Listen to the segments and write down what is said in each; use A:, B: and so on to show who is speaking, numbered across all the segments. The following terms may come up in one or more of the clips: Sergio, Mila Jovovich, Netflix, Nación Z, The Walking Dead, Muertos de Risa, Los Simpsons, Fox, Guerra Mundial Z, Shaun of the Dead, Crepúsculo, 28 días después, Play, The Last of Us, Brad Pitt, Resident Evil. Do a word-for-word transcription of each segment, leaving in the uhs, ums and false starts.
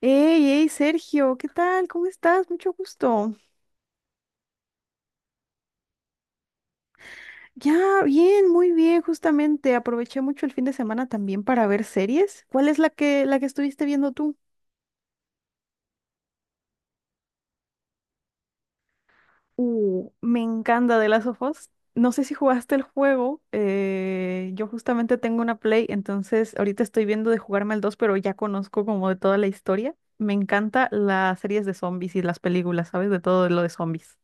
A: Hey, hey, Sergio, ¿qué tal? ¿Cómo estás? Mucho gusto. Ya, bien, muy bien, justamente. Aproveché mucho el fin de semana también para ver series. ¿Cuál es la que, la que estuviste viendo tú? Uh, me encanta de las of Us. No sé si jugaste el juego. Eh, yo justamente tengo una Play, entonces ahorita estoy viendo de jugarme al dos, pero ya conozco como de toda la historia. Me encanta las series de zombies y las películas, ¿sabes? De todo lo de zombies.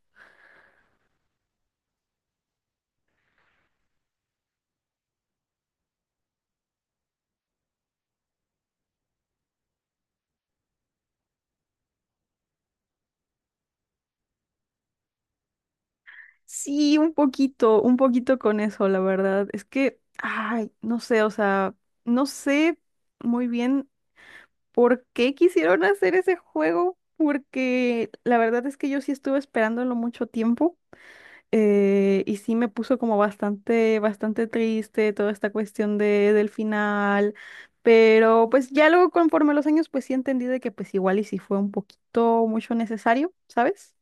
A: Sí, un poquito, un poquito con eso, la verdad. Es que, ay, no sé, o sea, no sé muy bien por qué quisieron hacer ese juego, porque la verdad es que yo sí estuve esperándolo mucho tiempo eh, y sí me puso como bastante, bastante triste toda esta cuestión de, del final, pero pues ya luego conforme los años, pues sí entendí de que pues igual y sí fue un poquito mucho necesario, ¿sabes?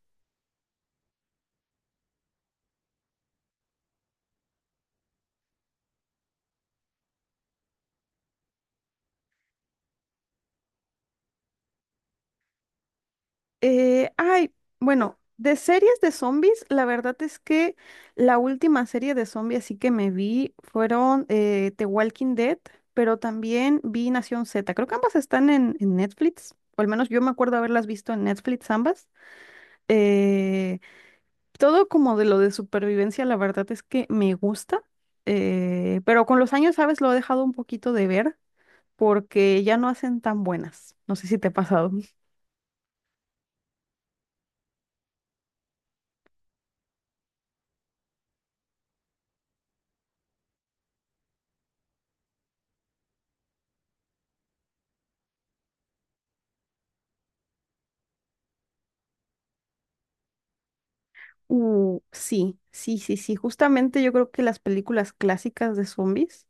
A: Eh, ay, bueno, de series de zombies, la verdad es que la última serie de zombies así que me vi fueron eh, The Walking Dead, pero también vi Nación Z. Creo que ambas están en, en Netflix, o al menos yo me acuerdo haberlas visto en Netflix ambas. Eh, Todo como de lo de supervivencia, la verdad es que me gusta, eh, pero con los años, ¿sabes? Lo he dejado un poquito de ver porque ya no hacen tan buenas. No sé si te ha pasado. Uh, sí, sí, sí, sí. Justamente yo creo que las películas clásicas de zombies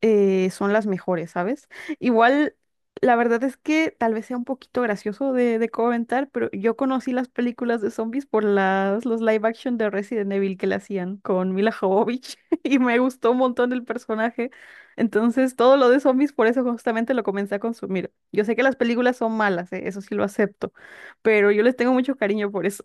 A: eh, son las mejores, ¿sabes? Igual, la verdad es que tal vez sea un poquito gracioso de, de comentar, pero yo conocí las películas de zombies por las, los live action de Resident Evil que le hacían con Mila Jovovich y me gustó un montón el personaje. Entonces, todo lo de zombies, por eso justamente lo comencé a consumir. Yo sé que las películas son malas, ¿eh? Eso sí lo acepto, pero yo les tengo mucho cariño por eso.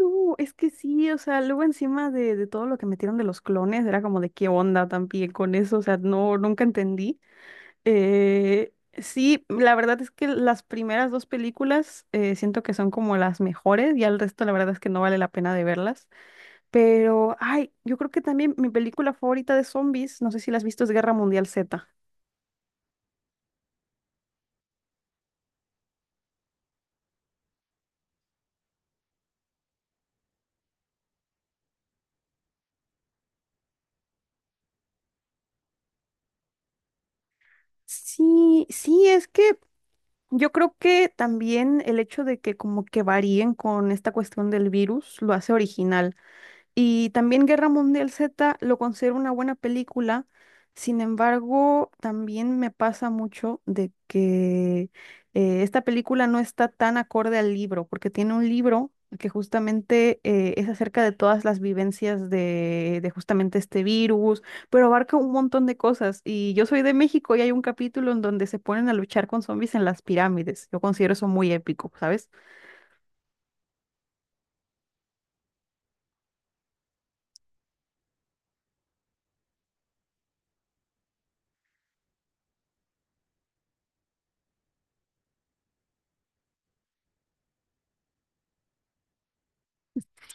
A: No, es que sí, o sea, luego encima de, de todo lo que metieron de los clones, era como de qué onda también con eso, o sea, no, nunca entendí. Eh, sí, la verdad es que las primeras dos películas eh, siento que son como las mejores, y al resto la verdad es que no vale la pena de verlas. Pero, ay, yo creo que también mi película favorita de zombies, no sé si la has visto, es Guerra Mundial Z. Sí, sí, es que yo creo que también el hecho de que como que varíen con esta cuestión del virus lo hace original. Y también Guerra Mundial Z lo considero una buena película. Sin embargo, también me pasa mucho de que eh, esta película no está tan acorde al libro, porque tiene un libro que justamente eh, es acerca de todas las vivencias de, de justamente este virus, pero abarca un montón de cosas. Y yo soy de México y hay un capítulo en donde se ponen a luchar con zombies en las pirámides. Yo considero eso muy épico, ¿sabes?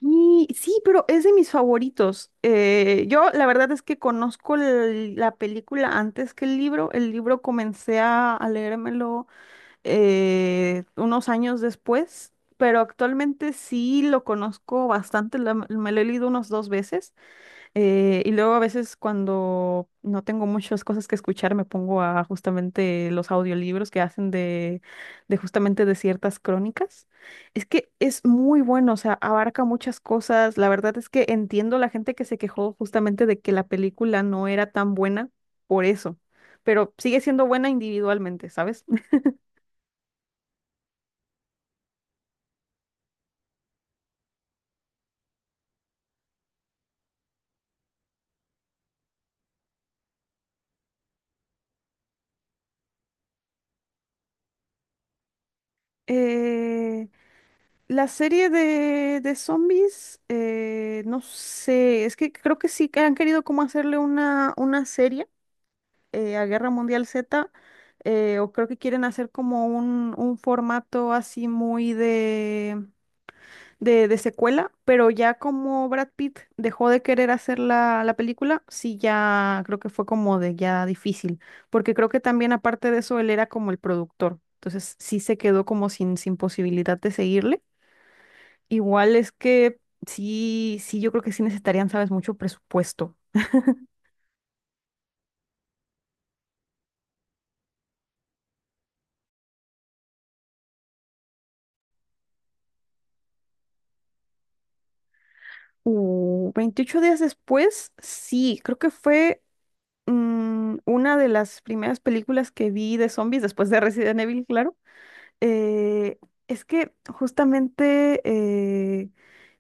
A: Y sí, pero es de mis favoritos. Eh, yo la verdad es que conozco el- la película antes que el libro. El libro comencé a, a leérmelo eh, unos años después, pero actualmente sí lo conozco bastante. La- me lo he leído unos dos veces. Eh, y luego a veces cuando no tengo muchas cosas que escuchar, me pongo a justamente los audiolibros que hacen de, de justamente de ciertas crónicas. Es que es muy bueno, o sea, abarca muchas cosas. La verdad es que entiendo la gente que se quejó justamente de que la película no era tan buena por eso, pero sigue siendo buena individualmente, ¿sabes? Eh, La serie de, de zombies, eh, no sé, es que creo que sí que han querido como hacerle una, una serie eh, a Guerra Mundial Z, eh, o creo que quieren hacer como un, un formato así muy de, de, de secuela, pero ya como Brad Pitt dejó de querer hacer la, la película, sí ya creo que fue como de ya difícil, porque creo que también aparte de eso él era como el productor, entonces sí se quedó como sin, sin posibilidad de seguirle. Igual es que sí, sí, yo creo que sí necesitarían, sabes, mucho presupuesto. Uh, veintiocho días después, sí, creo que fue mm, una de las primeras películas que vi de zombies después de Resident Evil, claro. Eh, es que justamente eh,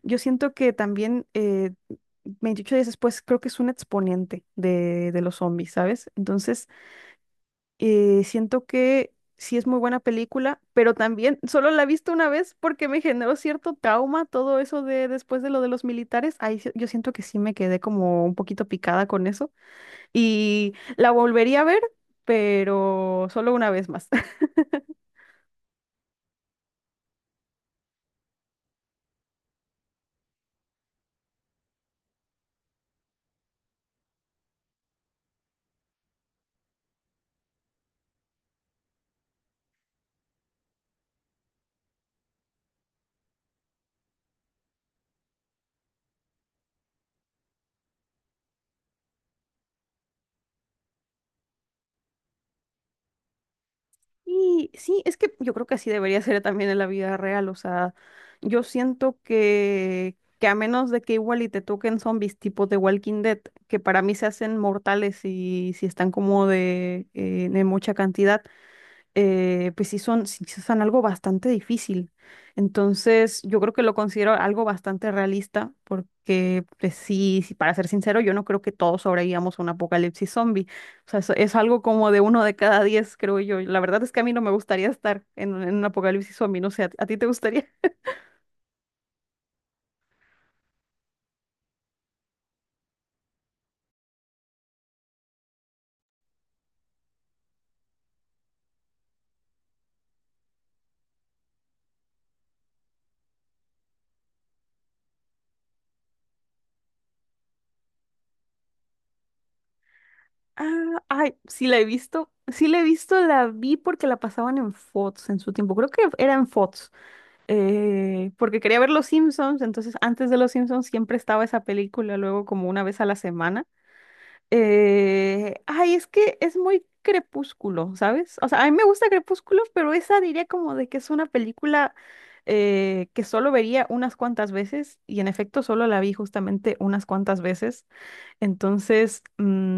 A: yo siento que también eh, veintiocho días después creo que es un exponente de, de los zombies, ¿sabes? Entonces, eh, siento que sí es muy buena película, pero también solo la he visto una vez porque me generó cierto trauma todo eso de después de lo de los militares. Ahí sí- yo siento que sí me quedé como un poquito picada con eso y la volvería a ver, pero solo una vez más. Y sí, es que yo creo que así debería ser también en la vida real. O sea, yo siento que, que a menos de que igual y te toquen zombies tipo de Walking Dead, que para mí se hacen mortales y si están como de, eh, de mucha cantidad, eh, pues sí son, sí sí son algo bastante difícil. Entonces, yo creo que lo considero algo bastante realista, porque pues sí, sí, para ser sincero, yo no creo que todos sobrevivamos a un apocalipsis zombie. O sea, eso es algo como de uno de cada diez, creo yo. La verdad es que a mí no me gustaría estar en, un en un apocalipsis zombie, no sé, ¿a, a ti te gustaría? Ah, ay, sí la he visto, sí la he visto, la vi porque la pasaban en Fox en su tiempo, creo que era en Fox. Eh, porque quería ver Los Simpsons, entonces antes de Los Simpsons siempre estaba esa película, luego como una vez a la semana. Eh, ay, es que es muy crepúsculo, ¿sabes? O sea, a mí me gusta Crepúsculo, pero esa diría como de que es una película eh, que solo vería unas cuantas veces y en efecto solo la vi justamente unas cuantas veces, entonces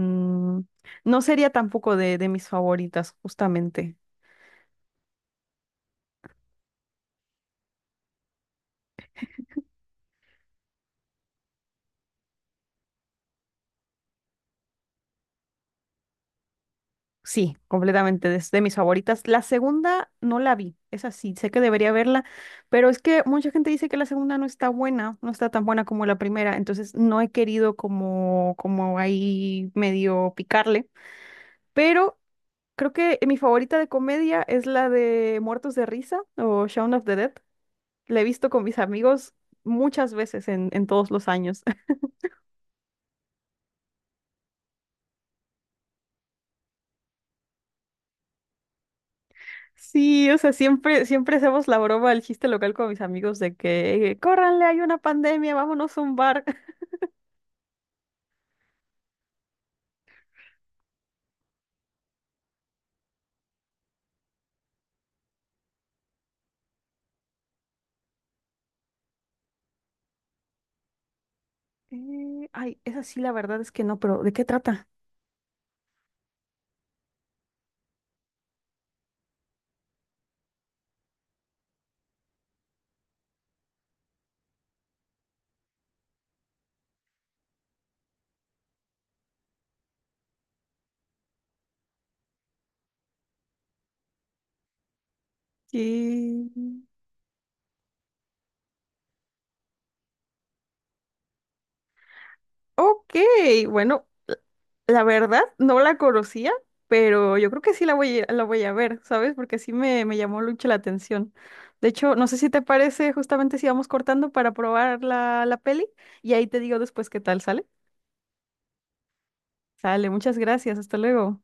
A: mm, no sería tampoco de, de mis favoritas, justamente. Sí, completamente, es de mis favoritas. La segunda no la vi, es así, sé que debería verla, pero es que mucha gente dice que la segunda no está buena, no está tan buena como la primera, entonces no he querido como, como ahí medio picarle, pero creo que mi favorita de comedia es la de Muertos de Risa o Shaun of the Dead. La he visto con mis amigos muchas veces en, en todos los años. Sí, o sea, siempre, siempre hacemos la broma, el chiste local con mis amigos de que, córranle, hay una pandemia, vámonos a un bar. Eh, ay, esa sí, la verdad es que no, pero ¿de qué trata? Eh, ok, bueno, la la verdad no la conocía, pero yo creo que sí la voy a, la voy a ver, ¿sabes? Porque sí me, me llamó mucho la atención. De hecho, no sé si te parece justamente si vamos cortando para probar la, la peli y ahí te digo después qué tal sale. Sale, muchas gracias, hasta luego.